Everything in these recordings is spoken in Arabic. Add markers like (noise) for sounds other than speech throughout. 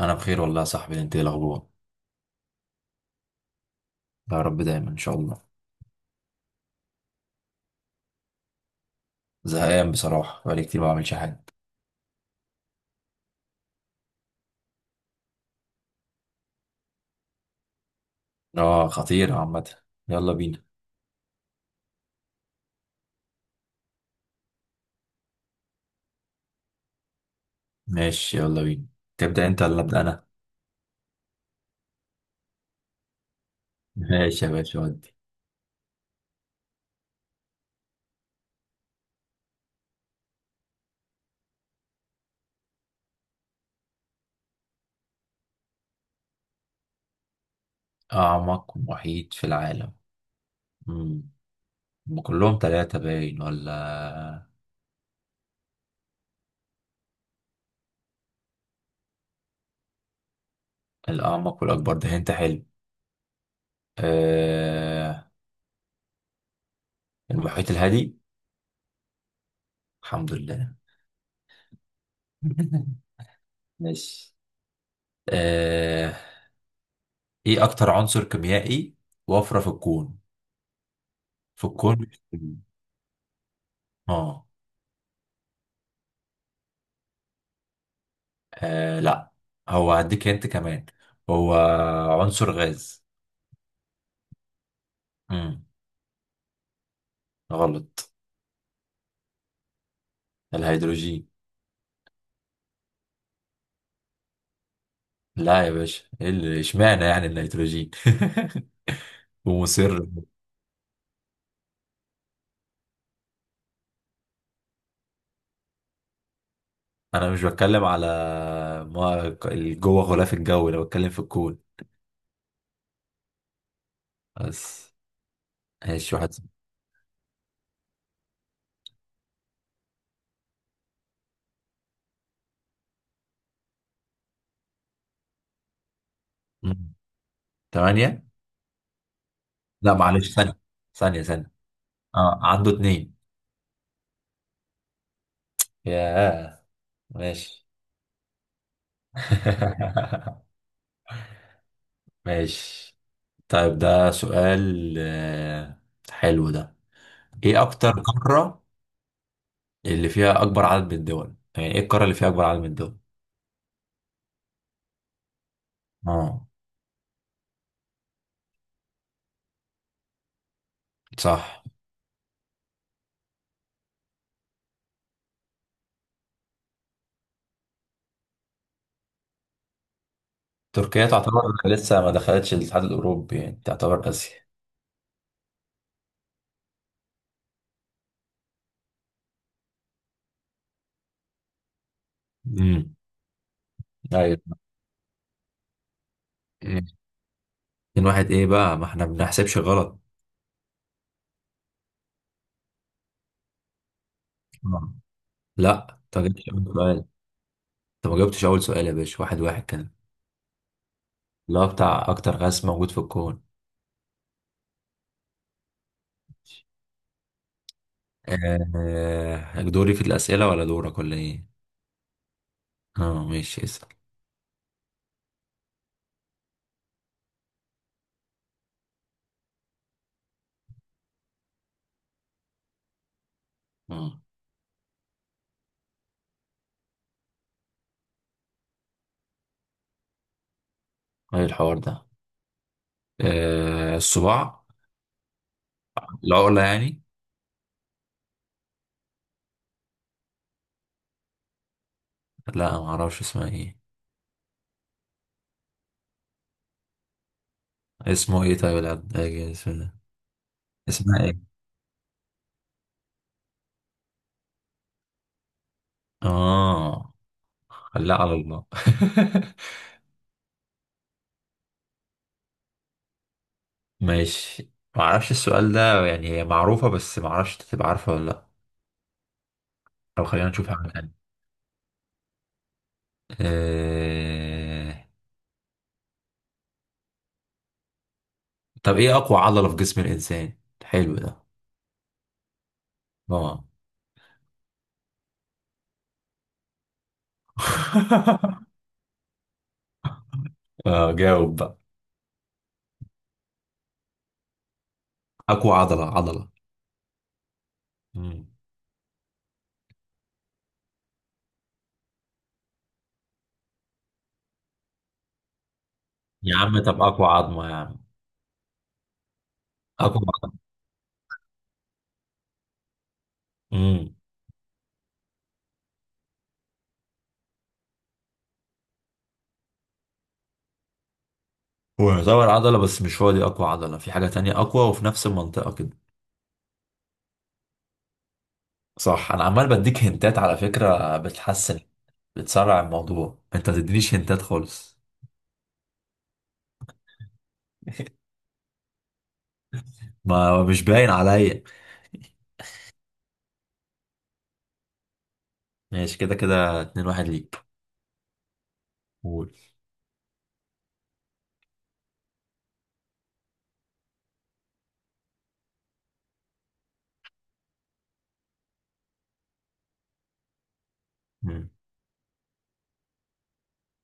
انا بخير والله يا صاحبي، انت إيه الاخبار؟ يا رب دايما ان شاء الله. زهقان بصراحه، بقالي كتير ما بعملش حاجه. اه، خطير عامه. يلا بينا. ماشي، يلا بينا. تبدا انت ولا ابدا انا؟ ماشي يا باشا ودي. اعمق محيط في العالم. امم هم كلهم ثلاثه باين ولا؟ الاعمق والاكبر ده انت حلو. آه... المحيط الهادي. الحمد لله. (laughs) ماشي. آه... ايه اكتر عنصر كيميائي وفره في الكون؟ في الكون. اه. لا. هو هديك انت كمان. هو عنصر غاز. امم غلط. الهيدروجين. لا يا باشا، اشمعنى يعني الهيدروجين. (laughs) ومصر. انا مش بتكلم على، ما جوه غلاف الجو انا بتكلم في الكون. بس. ماشي واحد. أمم. تمانية. لا معلش، ثانية. ثانية. اه عنده اتنين. ياه. ماشي. (laughs) ماشي. طيب ده سؤال، حلو ده. ايه اكتر قارة اللي فيها اكبر عدد من الدول؟ يعني ايه القارة اللي فيها اكبر عدد من الدول؟ اه. صح. تركيا تعتبر لسه ما دخلتش الاتحاد الاوروبي يعني تعتبر اسيا. امم. ايوه. إيه. 2-1 ايه بقى، ما احنا ما بنحسبش غلط. آه. لا، انت ما جبتش اول سؤال. انت ما جاوبتش اول سؤال يا باشا، 1-1 كان. اللي هو بتاع اكتر غاز موجود في الكون. دوري في الاسئلة ولا دورك ولا ايه؟ اه ماشي، اسأل. آه. ايه الحوار ده؟ آه الصباع. العقلة يعني. لا ما اعرفش اسمها ايه. اسمه ايه طيب العلاج اسمه ده؟ اسمها ايه؟ اه. لا، على الله. (laughs) ماشي. ما اعرفش السؤال ده، يعني هي معروفة بس ما اعرفش انت تبقى عارفة ولا لا. طب خلينا نشوف حاجة تانية. آه... طب ايه اقوى عضلة في جسم الانسان؟ حلو ده. اه. (laughs) اه جاوب بقى. اقوى عضلة، عضلة. مم. يا عم طب اقوى عظمة يا عم. اقوى عظمة. مم. هو يعتبر عضلة بس مش هو دي أقوى عضلة، في حاجة تانية أقوى وفي نفس المنطقة كده. صح. أنا عمال بديك هنتات على فكرة، بتحسن. بتسرع الموضوع، أنت تدينيش هنتات خالص. ما مش باين عليا. ماشي، كده كده 2-1 ليك. قول. مم.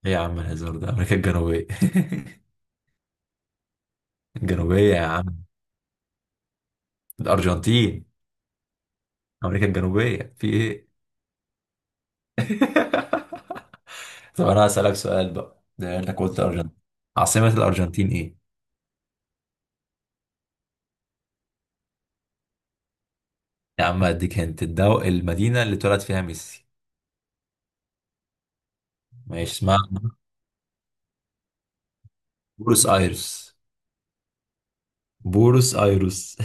إيه يا عم الهزار ده، أمريكا الجنوبية. (laughs) الجنوبية يا عم. الأرجنتين. أمريكا الجنوبية، في إيه؟ (laughs) طب أنا هسألك سؤال بقى، ده أنت قلت الأرجنتين. عاصمة الأرجنتين إيه؟ يا عم اديك هنت، المدينة اللي اتولد فيها ميسي. ماشي اسمها بورس ايرس. بورس ايرس.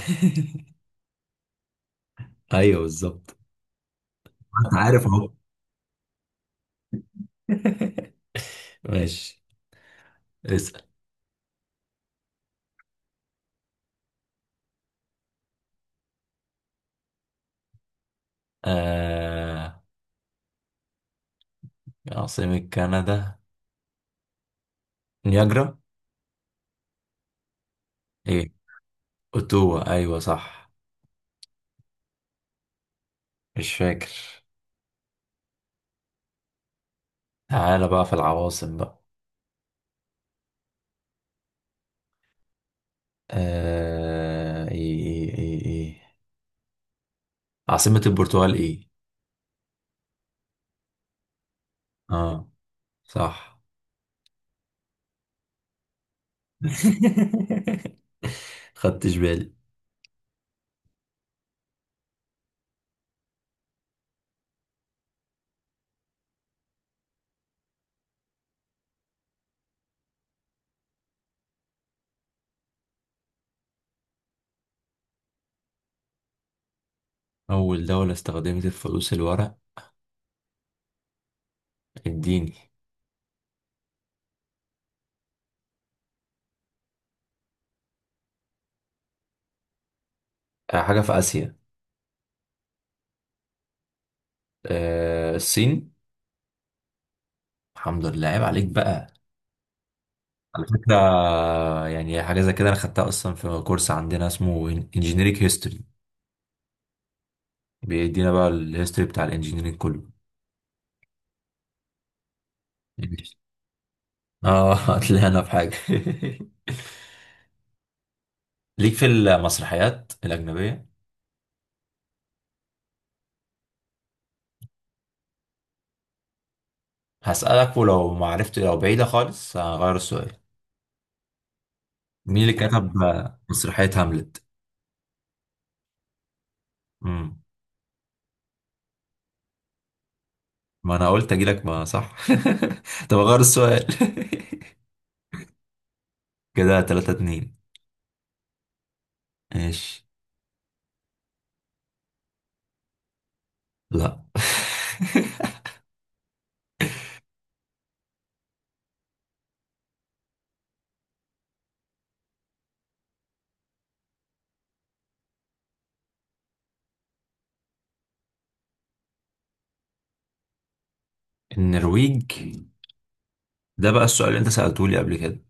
(laughs) ايوه بالظبط. انت عارف اهو. (laughs) ماشي. اسأل. آه... عاصمة كندا. نياجرا. ايه؟ اوتوا. ايوه صح. مش فاكر. تعالى بقى في العواصم بقى. ايه عاصمة البرتغال ايه؟ اه. صح. (laughs) خدتش بالي. أول دولة استخدمت الفلوس الورق. اديني. حاجة في آسيا. الصين. الحمد لله، عيب عليك بقى. على فكرة. يعني حاجة زي كده أنا خدتها أصلا في كورس عندنا اسمه انجينيريك هيستوري. بيدينا بقى الهيستوري بتاع الانجينيرينج كله. اه. (laughs) هتلاقينا في حاجة. (laughs) ليك في المسرحيات الأجنبية. هسألك، ولو ما عرفت لو بعيدة خالص هغير السؤال. مين اللي كتب مسرحية هاملت؟ مم. ما أنا قلت أجيلك ما صح. (laughs) طب أغير السؤال. (laughs) كده 3-2. ماشي. لا. (laughs) النرويج. ده بقى السؤال اللي انت سألته لي قبل كده.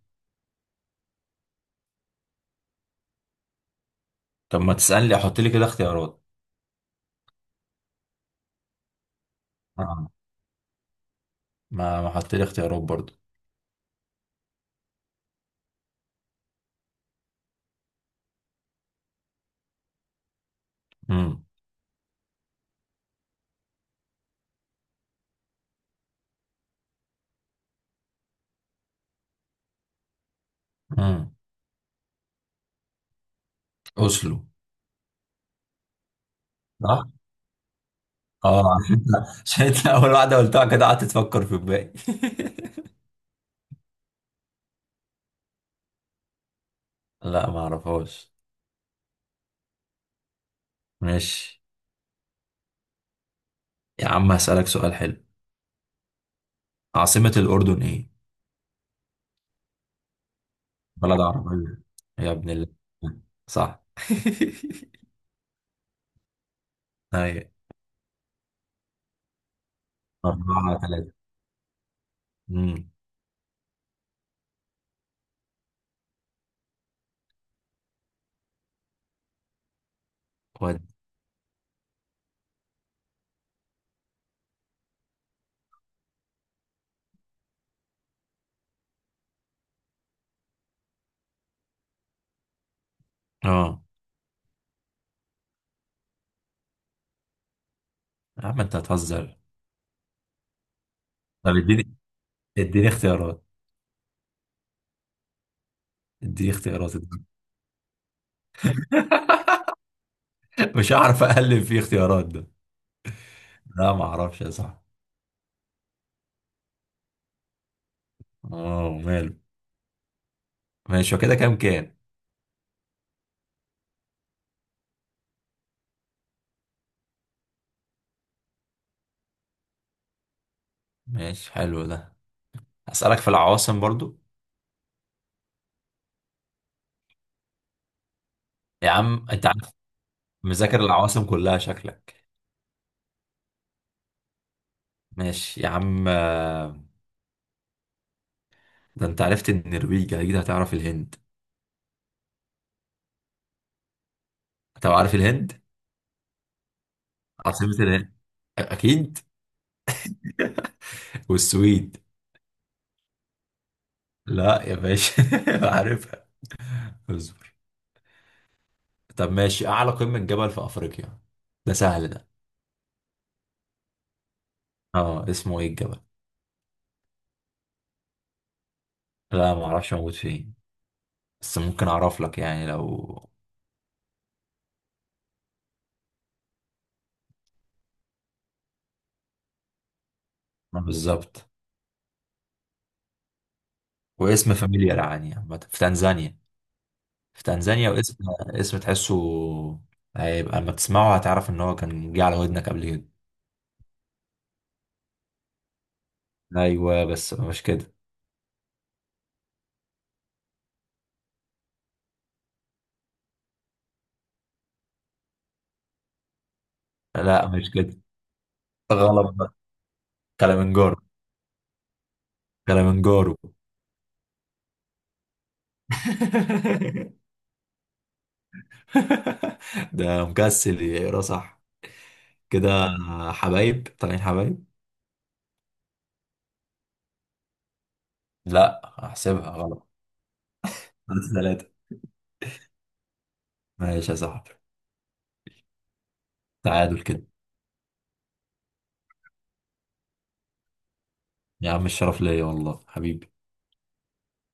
طب ما تسألني احط لي كده اختيارات. آه. ما حط لي اختيارات برضو. امم. امم. اوسلو. صح. اه. (laughs) عشان انت اول واحدة قلتها كده قعدت تفكر في الباقي. (laughs) لا ما اعرفهاش. ماشي. يا عم هسألك سؤال حلو، عاصمة الأردن ايه؟ بلد عربية. يا ابن الله. صح. (laughs) أيوة. 4-3. امم. اه. يا عم انت هتهزر. طب اديني. اديني اختيارات. اديني اختيارات. (laughs) مش هعرف اقلب في اختيارات ده. لا ما اعرفش يا صاحبي. اه ماله. ماشي، وكده كام كام؟ ماشي، حلو ده. اسالك في العواصم برضو. يا عم انت عارف. مذاكر العواصم كلها شكلك. ماشي يا عم. ده انت عرفت النرويج اكيد هتعرف الهند. انت عارف الهند. عاصمة الهند. اكيد. والسويد. لا يا باشا. (laughs) عارفها. طب ماشي، اعلى قمة جبل في افريقيا. ده سهل ده. اه اسمه ايه الجبل؟ لا ما اعرفش موجود فين. بس ممكن اعرف لك يعني لو. ما بالظبط. واسم فاميليار يعني، عامة في تنزانيا. في تنزانيا، واسم تحسه. هيبقى اما تسمعه هتعرف ان هو كان جه على ودنك قبل كده. ايوه بس مش كده. لا مش كده. غلط بقى. كلمنجارو. كلمنجارو. (laughs) ده مكسل يقرا صح. كده. حبايب طالعين حبايب. لا هحسبها غلط. 3-3. ماشي يا صاحبي. تعادل كده. يا عم الشرف ليا والله حبيبي.